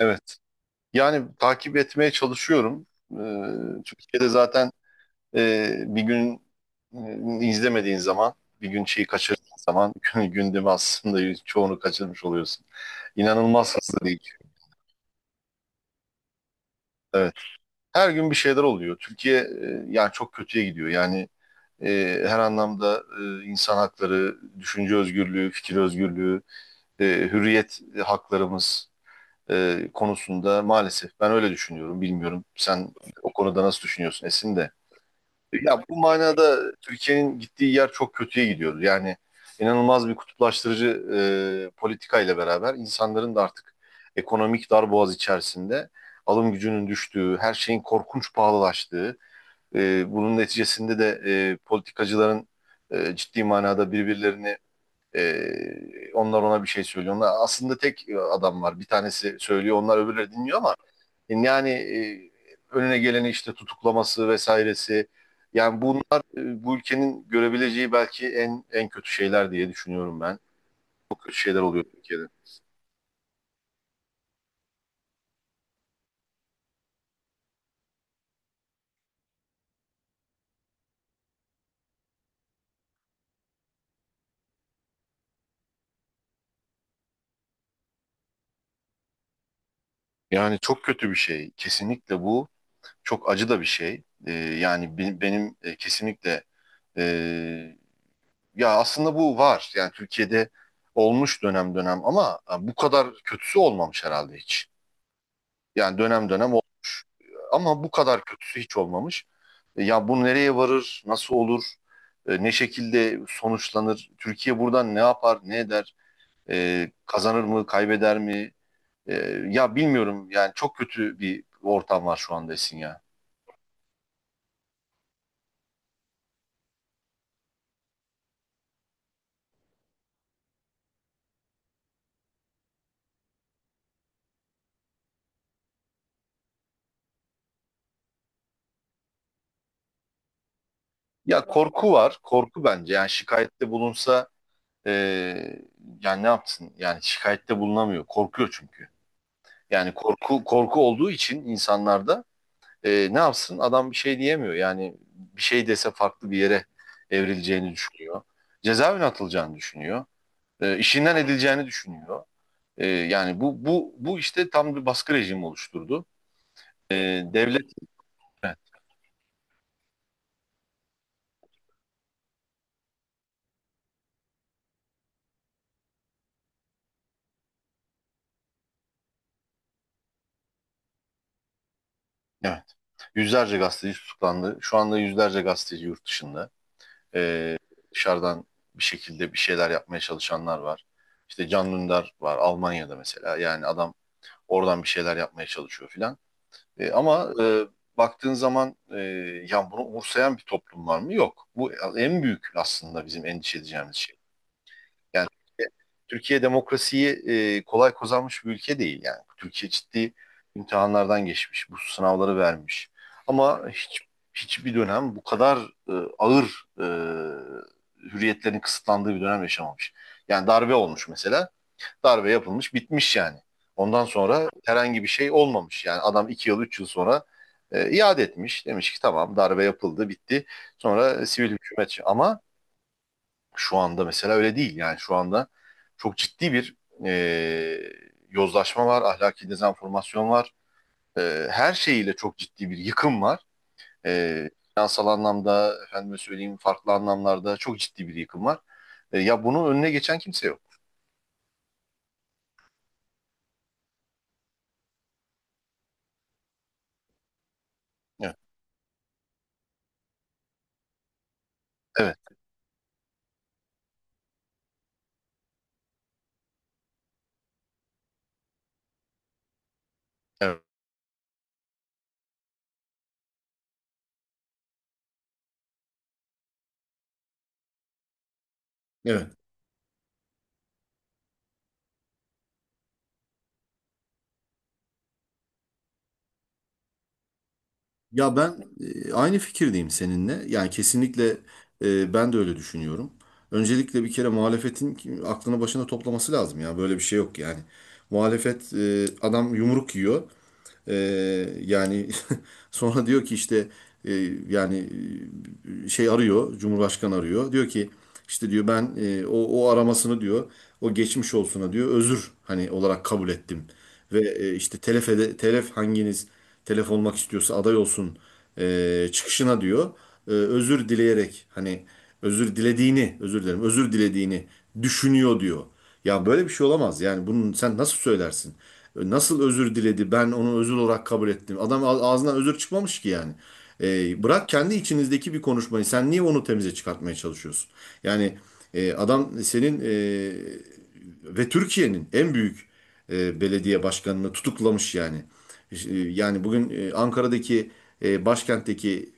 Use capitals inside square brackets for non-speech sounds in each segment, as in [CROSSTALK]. Evet. Yani takip etmeye çalışıyorum. Türkiye'de zaten bir gün izlemediğin zaman, bir gün şeyi kaçırdığın zaman [LAUGHS] gündemi aslında çoğunu kaçırmış oluyorsun. İnanılmaz hızlı değil. Evet. Her gün bir şeyler oluyor. Türkiye yani çok kötüye gidiyor. Yani her anlamda insan hakları, düşünce özgürlüğü, fikir özgürlüğü, e, hürriyet haklarımız konusunda maalesef ben öyle düşünüyorum. Bilmiyorum sen o konuda nasıl düşünüyorsun Esin de. Ya bu manada Türkiye'nin gittiği yer çok kötüye gidiyor. Yani inanılmaz bir kutuplaştırıcı politika ile beraber insanların da artık ekonomik darboğaz içerisinde alım gücünün düştüğü, her şeyin korkunç pahalılaştığı, bunun neticesinde de politikacıların ciddi manada birbirlerini onlar ona bir şey söylüyor. Onlar, aslında tek adam var. Bir tanesi söylüyor, onlar öbürleri dinliyor ama yani önüne geleni işte tutuklaması vesairesi. Yani bunlar bu ülkenin görebileceği belki en kötü şeyler diye düşünüyorum ben. Çok kötü şeyler oluyor Türkiye'de. Yani çok kötü bir şey. Kesinlikle bu çok acı da bir şey. Yani benim kesinlikle e, ya aslında bu var. Yani Türkiye'de olmuş dönem dönem ama bu kadar kötüsü olmamış herhalde hiç. Yani dönem dönem olmuş ama bu kadar kötüsü hiç olmamış. Ya bu nereye varır, nasıl olur, ne şekilde sonuçlanır, Türkiye buradan ne yapar, ne eder, kazanır mı, kaybeder mi? E, Ya bilmiyorum yani çok kötü bir ortam var şu anda Esin ya. Ya korku var, korku bence yani şikayette bulunsa e, yani ne yapsın? Yani şikayette bulunamıyor. Korkuyor çünkü. Yani korku olduğu için insanlarda ne yapsın? Adam bir şey diyemiyor. Yani bir şey dese farklı bir yere evrileceğini düşünüyor. Cezaevine atılacağını düşünüyor. E, işinden edileceğini düşünüyor. Yani bu işte tam bir baskı rejimi oluşturdu. E, devlet. Evet, evet. Yüzlerce gazeteci tutuklandı. Şu anda yüzlerce gazeteci yurt dışında. Dışarıdan bir şekilde bir şeyler yapmaya çalışanlar var. İşte Can Dündar var Almanya'da mesela. Yani adam oradan bir şeyler yapmaya çalışıyor filan. Ama baktığın zaman ya bunu umursayan bir toplum var mı? Yok. Bu en büyük aslında bizim endişe edeceğimiz şey. Yani Türkiye demokrasiyi kolay kazanmış bir ülke değil yani. Türkiye ciddi imtihanlardan geçmiş, bu sınavları vermiş. Ama hiçbir dönem bu kadar e, ağır hürriyetlerin kısıtlandığı bir dönem yaşamamış. Yani darbe olmuş mesela. Darbe yapılmış, bitmiş yani. Ondan sonra herhangi bir şey olmamış. Yani adam 2 yıl, 3 yıl sonra iade etmiş. Demiş ki tamam darbe yapıldı, bitti. Sonra sivil hükümet. Ama şu anda mesela öyle değil. Yani şu anda çok ciddi bir e, yozlaşma var, ahlaki dezenformasyon var. Her şeyiyle çok ciddi bir yıkım var. E, finansal anlamda, efendime söyleyeyim farklı anlamlarda çok ciddi bir yıkım var. Ya bunun önüne geçen kimse yok. Evet, evet. Evet. Evet. Ya ben aynı fikirdeyim seninle. Yani kesinlikle ben de öyle düşünüyorum. Öncelikle bir kere muhalefetin aklını başına toplaması lazım ya. Böyle bir şey yok yani. Muhalefet adam yumruk yiyor. Yani [LAUGHS] sonra diyor ki işte e, yani şey arıyor, Cumhurbaşkanı arıyor. Diyor ki işte diyor ben o aramasını diyor, o geçmiş olsuna diyor özür hani olarak kabul ettim. Ve işte telef, telef hanginiz telef olmak istiyorsa aday olsun çıkışına diyor özür dileyerek hani özür dilediğini, özür dilerim, özür dilediğini düşünüyor diyor. Ya böyle bir şey olamaz. Yani bunu sen nasıl söylersin? Nasıl özür diledi? Ben onu özür olarak kabul ettim. Adam ağzından özür çıkmamış ki yani. Bırak kendi içinizdeki bir konuşmayı. Sen niye onu temize çıkartmaya çalışıyorsun? Yani adam senin ve Türkiye'nin en büyük belediye başkanını tutuklamış yani. Yani bugün Ankara'daki başkentteki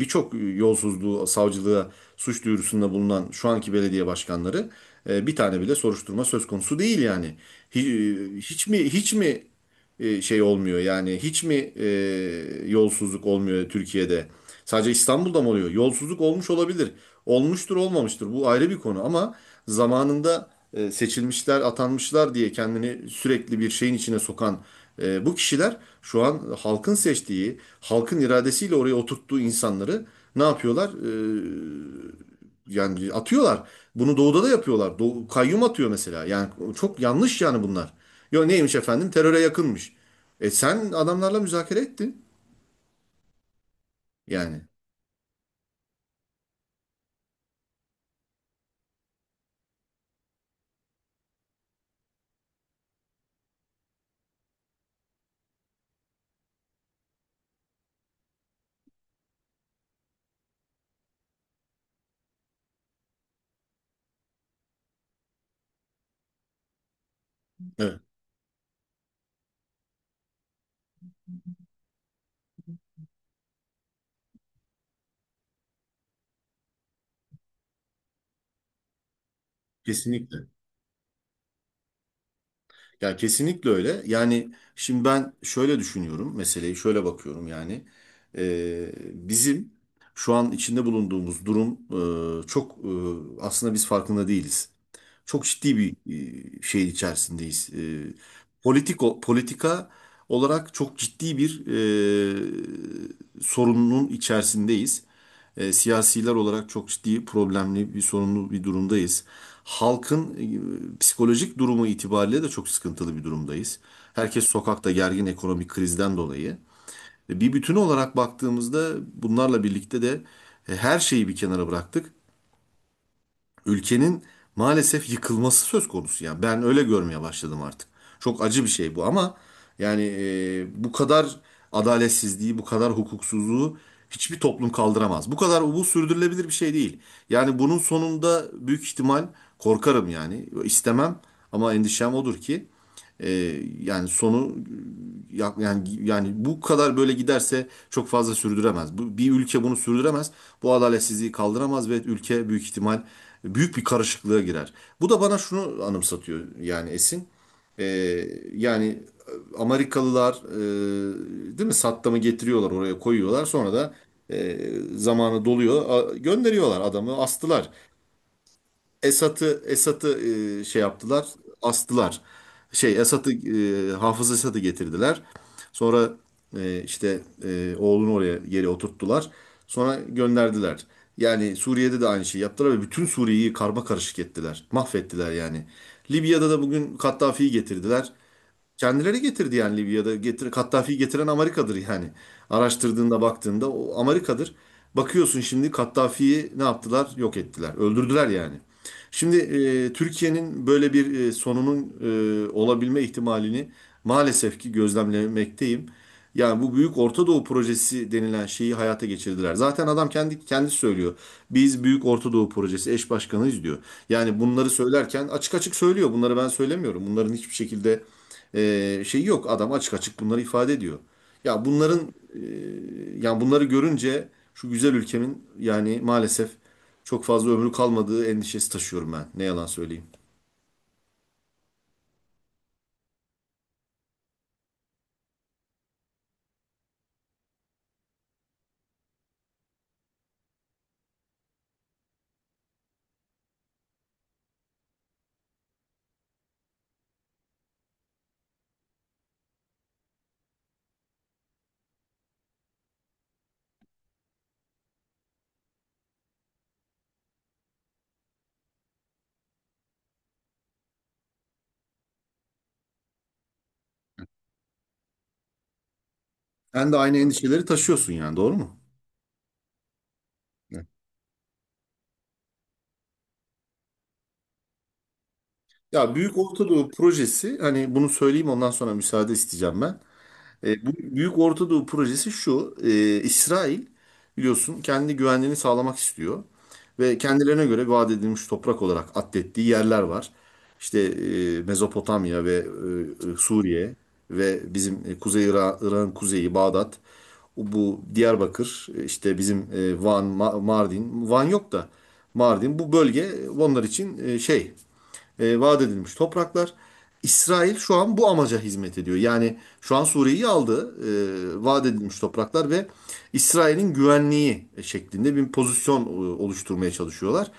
birçok yolsuzluğu savcılığa suç duyurusunda bulunan şu anki belediye başkanları bir tane bile soruşturma söz konusu değil yani hiç mi şey olmuyor yani hiç mi yolsuzluk olmuyor Türkiye'de? Sadece İstanbul'da mı oluyor? Yolsuzluk olmuş olabilir. Olmuştur, olmamıştır. Bu ayrı bir konu ama zamanında seçilmişler, atanmışlar diye kendini sürekli bir şeyin içine sokan bu kişiler şu an halkın seçtiği, halkın iradesiyle oraya oturttuğu insanları ne yapıyorlar? Yani atıyorlar. Bunu doğuda da yapıyorlar. Doğu, kayyum atıyor mesela. Yani çok yanlış yani bunlar. Yo neymiş efendim? Teröre yakınmış. E sen adamlarla müzakere ettin. Yani. Evet. Kesinlikle. Ya kesinlikle öyle. Yani şimdi ben şöyle düşünüyorum. Meseleyi şöyle bakıyorum yani. Bizim şu an içinde bulunduğumuz durum çok aslında biz farkında değiliz. Çok ciddi bir şeyin içerisindeyiz. Politika olarak çok ciddi bir sorunun içerisindeyiz. Siyasiler olarak çok ciddi problemli bir sorunlu bir durumdayız. Halkın psikolojik durumu itibariyle de çok sıkıntılı bir durumdayız. Herkes sokakta gergin ekonomik krizden dolayı. Bir bütün olarak baktığımızda bunlarla birlikte de her şeyi bir kenara bıraktık ülkenin maalesef yıkılması söz konusu yani. Ben öyle görmeye başladım artık. Çok acı bir şey bu ama yani bu kadar adaletsizliği, bu kadar hukuksuzluğu hiçbir toplum kaldıramaz. Bu kadar bu sürdürülebilir bir şey değil. Yani bunun sonunda büyük ihtimal korkarım yani istemem ama endişem odur ki e, yani sonu ya- Yani yani bu kadar böyle giderse çok fazla sürdüremez. Bu, bir ülke bunu sürdüremez. Bu adaletsizliği kaldıramaz ve ülke büyük ihtimal büyük bir karışıklığa girer. Bu da bana şunu anımsatıyor yani Esin. Ee, yani Amerikalılar değil mi Saddam'ı getiriyorlar oraya koyuyorlar sonra da e, zamanı doluyor gönderiyorlar adamı astılar. Esat'ı şey yaptılar, astılar. Şey Esat'ı Hafız Esat'ı getirdiler. Sonra işte oğlunu oraya geri oturttular. Sonra gönderdiler. Yani Suriye'de de aynı şeyi yaptılar ve bütün Suriye'yi karma karışık ettiler. Mahvettiler yani. Libya'da da bugün Kaddafi'yi getirdiler. Kendileri getirdi yani Libya'da. Kaddafi'yi getiren Amerika'dır yani. Araştırdığında baktığında o Amerika'dır. Bakıyorsun şimdi Kaddafi'yi ne yaptılar? Yok ettiler. Öldürdüler yani. Şimdi Türkiye'nin böyle bir sonunun olabilme ihtimalini maalesef ki gözlemlemekteyim. Yani bu Büyük Orta Doğu projesi denilen şeyi hayata geçirdiler. Zaten adam kendi kendisi söylüyor. Biz Büyük Orta Doğu projesi eş başkanıyız diyor. Yani bunları söylerken açık açık söylüyor. Bunları ben söylemiyorum. Bunların hiçbir şekilde şey yok adam açık açık bunları ifade ediyor. Ya bunların yani bunları görünce şu güzel ülkemin yani maalesef çok fazla ömrü kalmadığı endişesi taşıyorum ben. Ne yalan söyleyeyim. Sen de aynı endişeleri taşıyorsun yani doğru mu? Evet. Ya Büyük Orta Doğu projesi hani bunu söyleyeyim ondan sonra müsaade isteyeceğim ben. Bu Büyük Orta Doğu projesi şu. İsrail biliyorsun kendi güvenliğini sağlamak istiyor. Ve kendilerine göre vaat edilmiş toprak olarak addettiği yerler var. İşte Mezopotamya ve Suriye ve bizim Kuzey Irak, Irak'ın kuzeyi Bağdat. Bu Diyarbakır işte bizim Van, Mardin. Van yok da Mardin. Bu bölge onlar için şey vaat edilmiş topraklar. İsrail şu an bu amaca hizmet ediyor. Yani şu an Suriye'yi aldı, vaat edilmiş topraklar ve İsrail'in güvenliği şeklinde bir pozisyon oluşturmaya çalışıyorlar.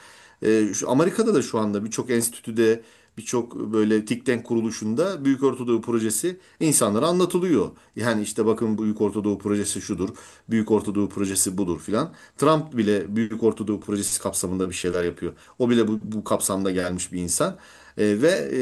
Şu Amerika'da da şu anda birçok enstitüde, birçok böyle think tank kuruluşunda Büyük Ortadoğu Projesi insanlara anlatılıyor. Yani işte bakın Büyük Ortadoğu Projesi şudur, Büyük Ortadoğu Projesi budur filan. Trump bile Büyük Ortadoğu Projesi kapsamında bir şeyler yapıyor. O bile bu kapsamda gelmiş bir insan. Ve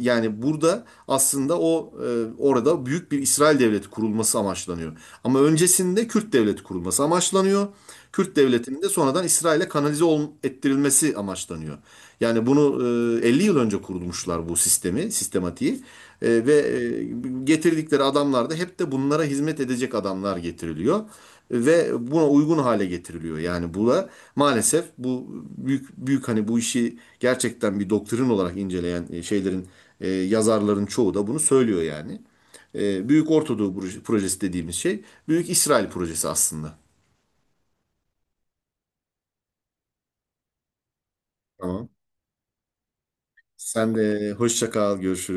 yani burada aslında o orada büyük bir İsrail devleti kurulması amaçlanıyor. Ama öncesinde Kürt devleti kurulması amaçlanıyor. Kürt devletinin de sonradan İsrail'e kanalize ettirilmesi amaçlanıyor. Yani bunu 50 yıl önce kurulmuşlar bu sistemi, sistematiği. Ve getirdikleri adamlar da hep de bunlara hizmet edecek adamlar getiriliyor ve buna uygun hale getiriliyor. Yani bu da maalesef bu büyük büyük hani bu işi gerçekten bir doktrin olarak inceleyen şeylerin yazarların çoğu da bunu söylüyor yani. Büyük Ortadoğu projesi dediğimiz şey Büyük İsrail projesi aslında. Tamam. Sen de hoşça kal, görüşürüz.